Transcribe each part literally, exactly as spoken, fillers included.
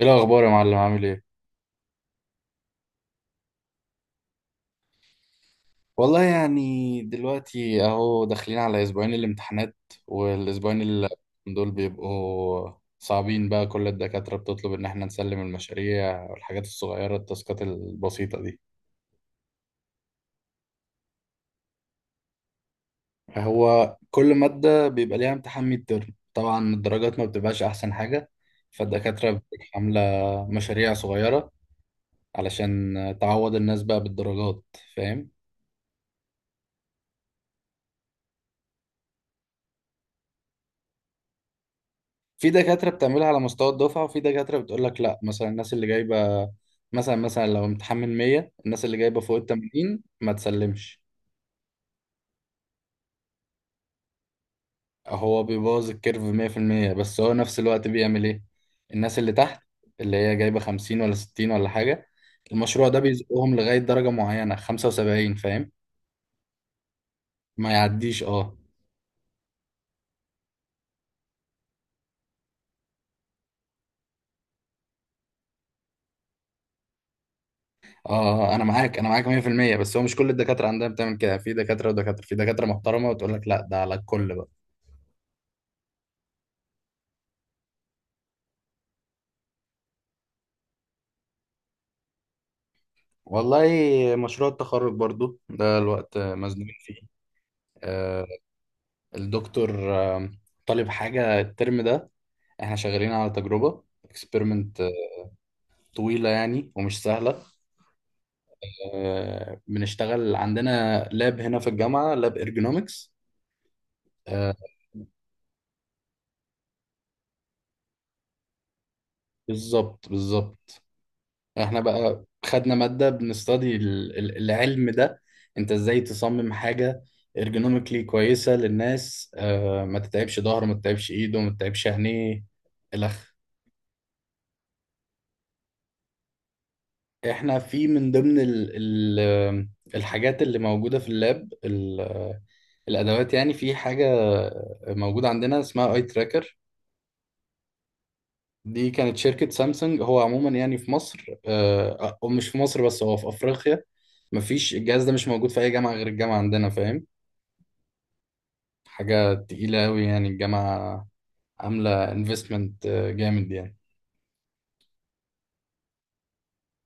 ايه الاخبار يا معلم؟ عامل ايه؟ والله يعني دلوقتي اهو داخلين على اسبوعين الامتحانات، والاسبوعين اللي دول بيبقوا صعبين بقى. كل الدكاترة بتطلب ان احنا نسلم المشاريع والحاجات الصغيرة، التاسكات البسيطة دي. هو كل مادة بيبقى ليها امتحان ميد ترم، طبعا الدرجات ما بتبقاش احسن حاجة، فالدكاترة بتبقى عاملة مشاريع صغيرة علشان تعوض الناس بقى بالدرجات، فاهم. في دكاترة بتعملها على مستوى الدفعة، وفي دكاترة بتقول لك لا، مثلا الناس اللي جايبة مثلا مثلا لو امتحان من مية الناس اللي جايبة فوق ال التمانين ما تسلمش. هو بيبوظ الكيرف مية بالمية، بس هو نفس الوقت بيعمل ايه؟ الناس اللي تحت، اللي هي جايبة خمسين ولا ستين ولا حاجة، المشروع ده بيزقهم لغاية درجة معينة، خمسة وسبعين، فاهم. ما يعديش. اه، اه، آه، انا معاك، انا معاك مية بالمية، بس هو مش كل الدكاترة عندها بتعمل كده. في دكاترة ودكاترة، في دكاترة محترمة وتقول لك لا، ده على الكل بقى. والله مشروع التخرج برضو ده الوقت مزنوقين فيه. آه، الدكتور آه، طالب حاجة الترم ده. احنا شغالين على تجربة اكسبيرمنت طويلة يعني، ومش سهلة. آه، بنشتغل عندنا لاب هنا في الجامعة، لاب ارجونومكس. بالظبط بالظبط. احنا بقى خدنا مادة بنستدي ال- ال- العلم ده. انت ازاي تصمم حاجة ارجونوميكلي كويسة للناس، آه، ما تتعبش ظهره، ما تتعبش ايده، ما تتعبش عينيه، الخ. احنا في من ضمن ال ال الحاجات اللي موجودة في اللاب، ال- الادوات يعني، في حاجة موجودة عندنا اسمها اي تراكر. دي كانت شركة سامسونج. هو عموما يعني في مصر، آه، او مش في مصر بس، هو في افريقيا مفيش، الجهاز ده مش موجود في اي جامعة غير الجامعة عندنا، فاهم. حاجة تقيلة أوي، يعني الجامعة عاملة انفستمنت جامد يعني.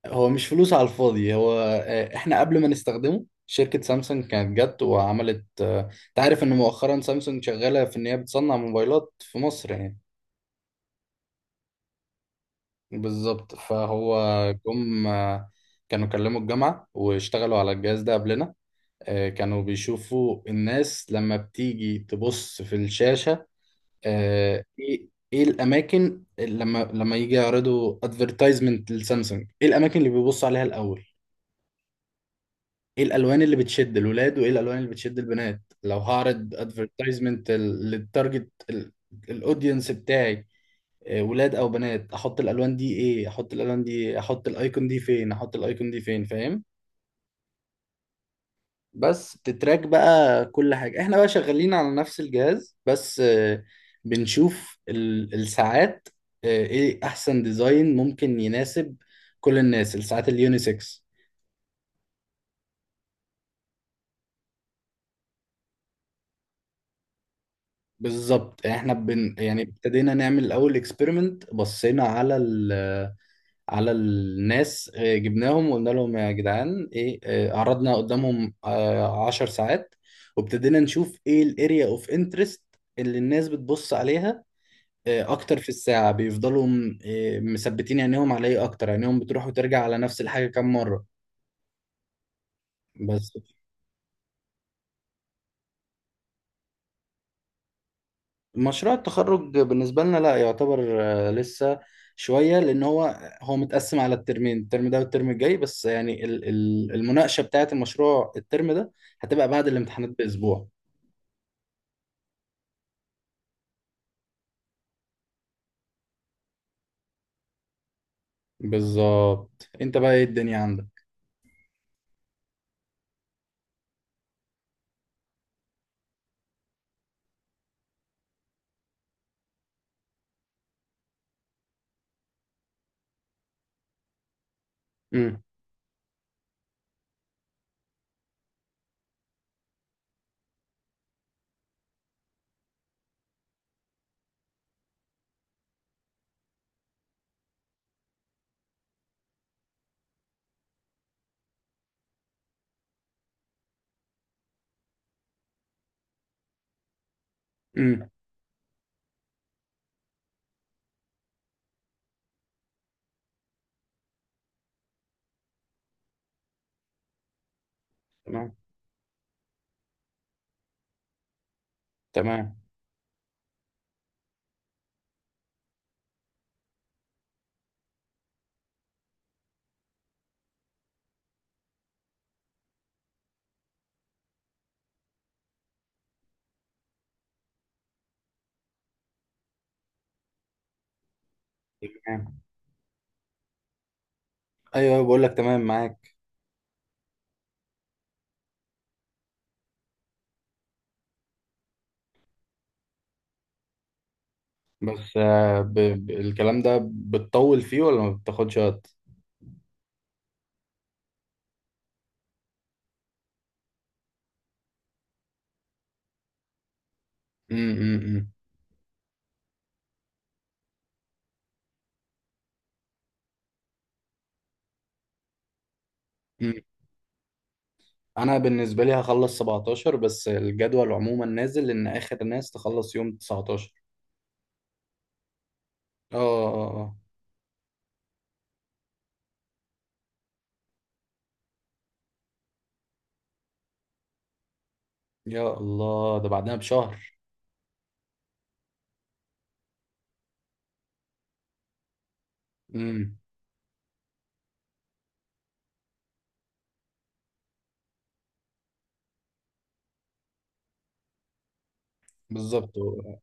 هو مش فلوس على الفاضي، هو آه، احنا قبل ما نستخدمه شركة سامسونج كانت جت وعملت، آه، تعرف ان مؤخرا سامسونج شغالة في ان هي بتصنع موبايلات في مصر يعني. بالظبط، فهو جم آه، كانوا كلموا الجامعة واشتغلوا على الجهاز ده قبلنا. آه، كانوا بيشوفوا الناس لما بتيجي تبص في الشاشة، آه، ايه ايه الاماكن اللي لما لما يجي يعرضوا ادفرتايزمنت لسامسونج، ايه الاماكن اللي بيبصوا عليها الاول؟ ايه الالوان اللي بتشد الولاد، وايه الالوان اللي بتشد البنات؟ لو هعرض ادفرتايزمنت للتارجت الاودينس بتاعي، آه، ولاد او بنات، احط الالوان دي ايه، احط الالوان دي إيه؟ احط الايكون دي فين، احط الايكون دي فين، فاهم. بس بتتراك بقى كل حاجة. احنا بقى شغالين على نفس الجهاز، بس آه، بنشوف ال- الساعات، آه، ايه احسن ديزاين ممكن يناسب كل الناس، الساعات اليونيسكس. بالظبط. احنا بن يعني ابتدينا نعمل الاول اكسبيرمنت، بصينا على ال على الناس، آه، جبناهم وقلنا لهم يا جدعان ايه، آه، عرضنا قدامهم آه، عشر ساعات، وابتدينا نشوف ايه الاريا اوف انترست اللي الناس بتبص عليها آه، اكتر في الساعه، بيفضلوا م- آه، مثبتين عينيهم على ايه اكتر، عينيهم بتروح وترجع على نفس الحاجه كام مره. بس مشروع التخرج بالنسبه لنا لا يعتبر آه، لسه شويه، لان هو هو متقسم على الترمين، الترم ده والترم الجاي، بس يعني ال- ال- المناقشه بتاعه المشروع الترم ده هتبقى بعد الامتحانات باسبوع. بالظبط. انت بقى ايه الدنيا عندك؟ امم امم تمام، تمام، تمام. ايوه، بقول لك تمام، معاك. بس آه، ب... ب... الكلام ده بتطول فيه ولا ما بتاخدش وقت؟ امم انا بالنسبه لي هخلص سبعتاشر، بس الجدول عموما نازل ان اخر ناس تخلص يوم تسعتاشر. اه، اه، آه. يا الله، ده بعدها بشهر. امم بالظبط. هو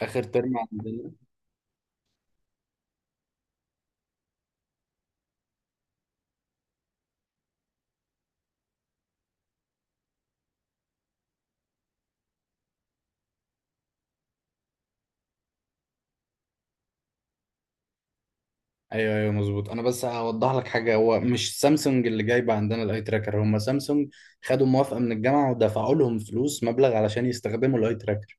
اخر ترم عندنا. ايوه، ايوه، مظبوط. انا بس هوضح لك حاجه، هو مش سامسونج اللي جايبه عندنا الاي تراكر، هم سامسونج خدوا موافقه من الجامعه ودفعوا لهم فلوس، مبلغ، علشان يستخدموا الاي تراكر.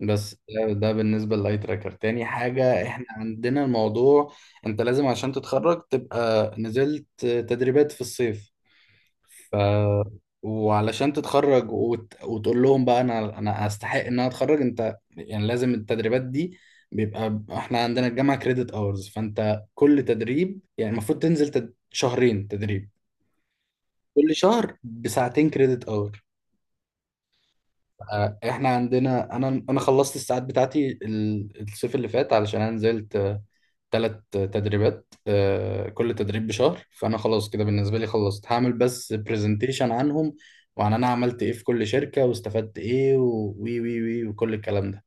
بس ده, ده بالنسبة للاي تراكر. تاني حاجة احنا عندنا، الموضوع انت لازم عشان تتخرج تبقى نزلت تدريبات في الصيف. ف وعلشان تتخرج وت... وتقول لهم بقى انا انا استحق ان انا اتخرج، انت يعني لازم التدريبات دي. بيبقى احنا عندنا الجامعة كريدت اورز، فانت كل تدريب يعني المفروض تنزل تد... شهرين تدريب، كل شهر بساعتين كريدت اور. آه، احنا عندنا، انا انا خلصت الساعات بتاعتي ال- الصيف اللي فات، علشان انا نزلت ثلاث تدريبات، آه، كل تدريب بشهر، فانا خلاص كده بالنسبه لي خلصت، هعمل بس برزنتيشن عنهم، وعن انا عملت ايه في كل شركه، واستفدت ايه، و- وي وي وي وكل الكلام ده.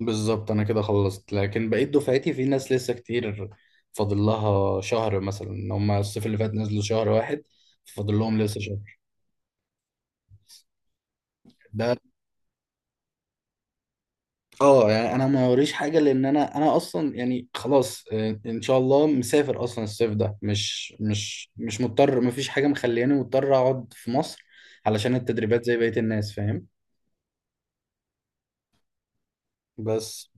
بالظبط. انا كده خلصت، لكن بقيت دفعتي في ناس لسه كتير، فاضل لها شهر مثلا، هم الصيف اللي فات نزلوا شهر واحد، فاضل لهم لسه شهر ده. اه، يعني انا ما وريش حاجه، لان انا انا اصلا يعني خلاص، آه، ان شاء الله مسافر اصلا الصيف ده، مش مش مش مضطر، ما فيش حاجه مخلياني مضطر اقعد في مصر علشان التدريبات زي بقيه الناس، فاهم. بس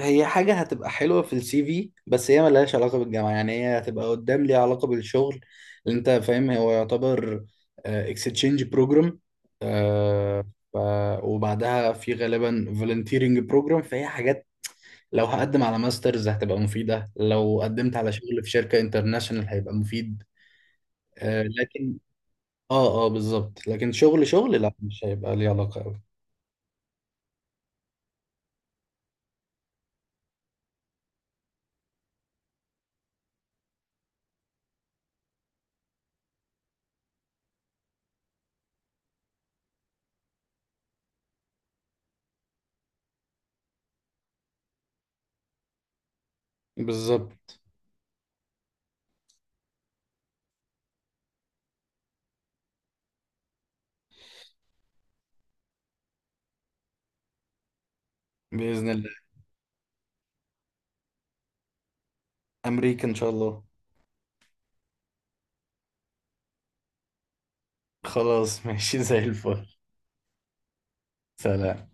هي حاجه هتبقى حلوه في السي في، بس هي ملهاش علاقه بالجامعه، يعني هي هتبقى قدام ليها علاقه بالشغل اللي انت فاهم، هو يعتبر اكستشينج بروجرام. ف... وبعدها في غالبا فولنتيرنج بروجرام، فهي حاجات لو هقدم على ماسترز هتبقى مفيدة، لو قدمت على شغل في شركة انترناشونال هيبقى مفيد. آه لكن اه، اه، بالظبط. لكن شغل شغل لا، مش هيبقى ليه علاقة أوي. بالظبط. بإذن الله. أمريكا إن شاء الله. خلاص ماشي، زي الفل. سلام.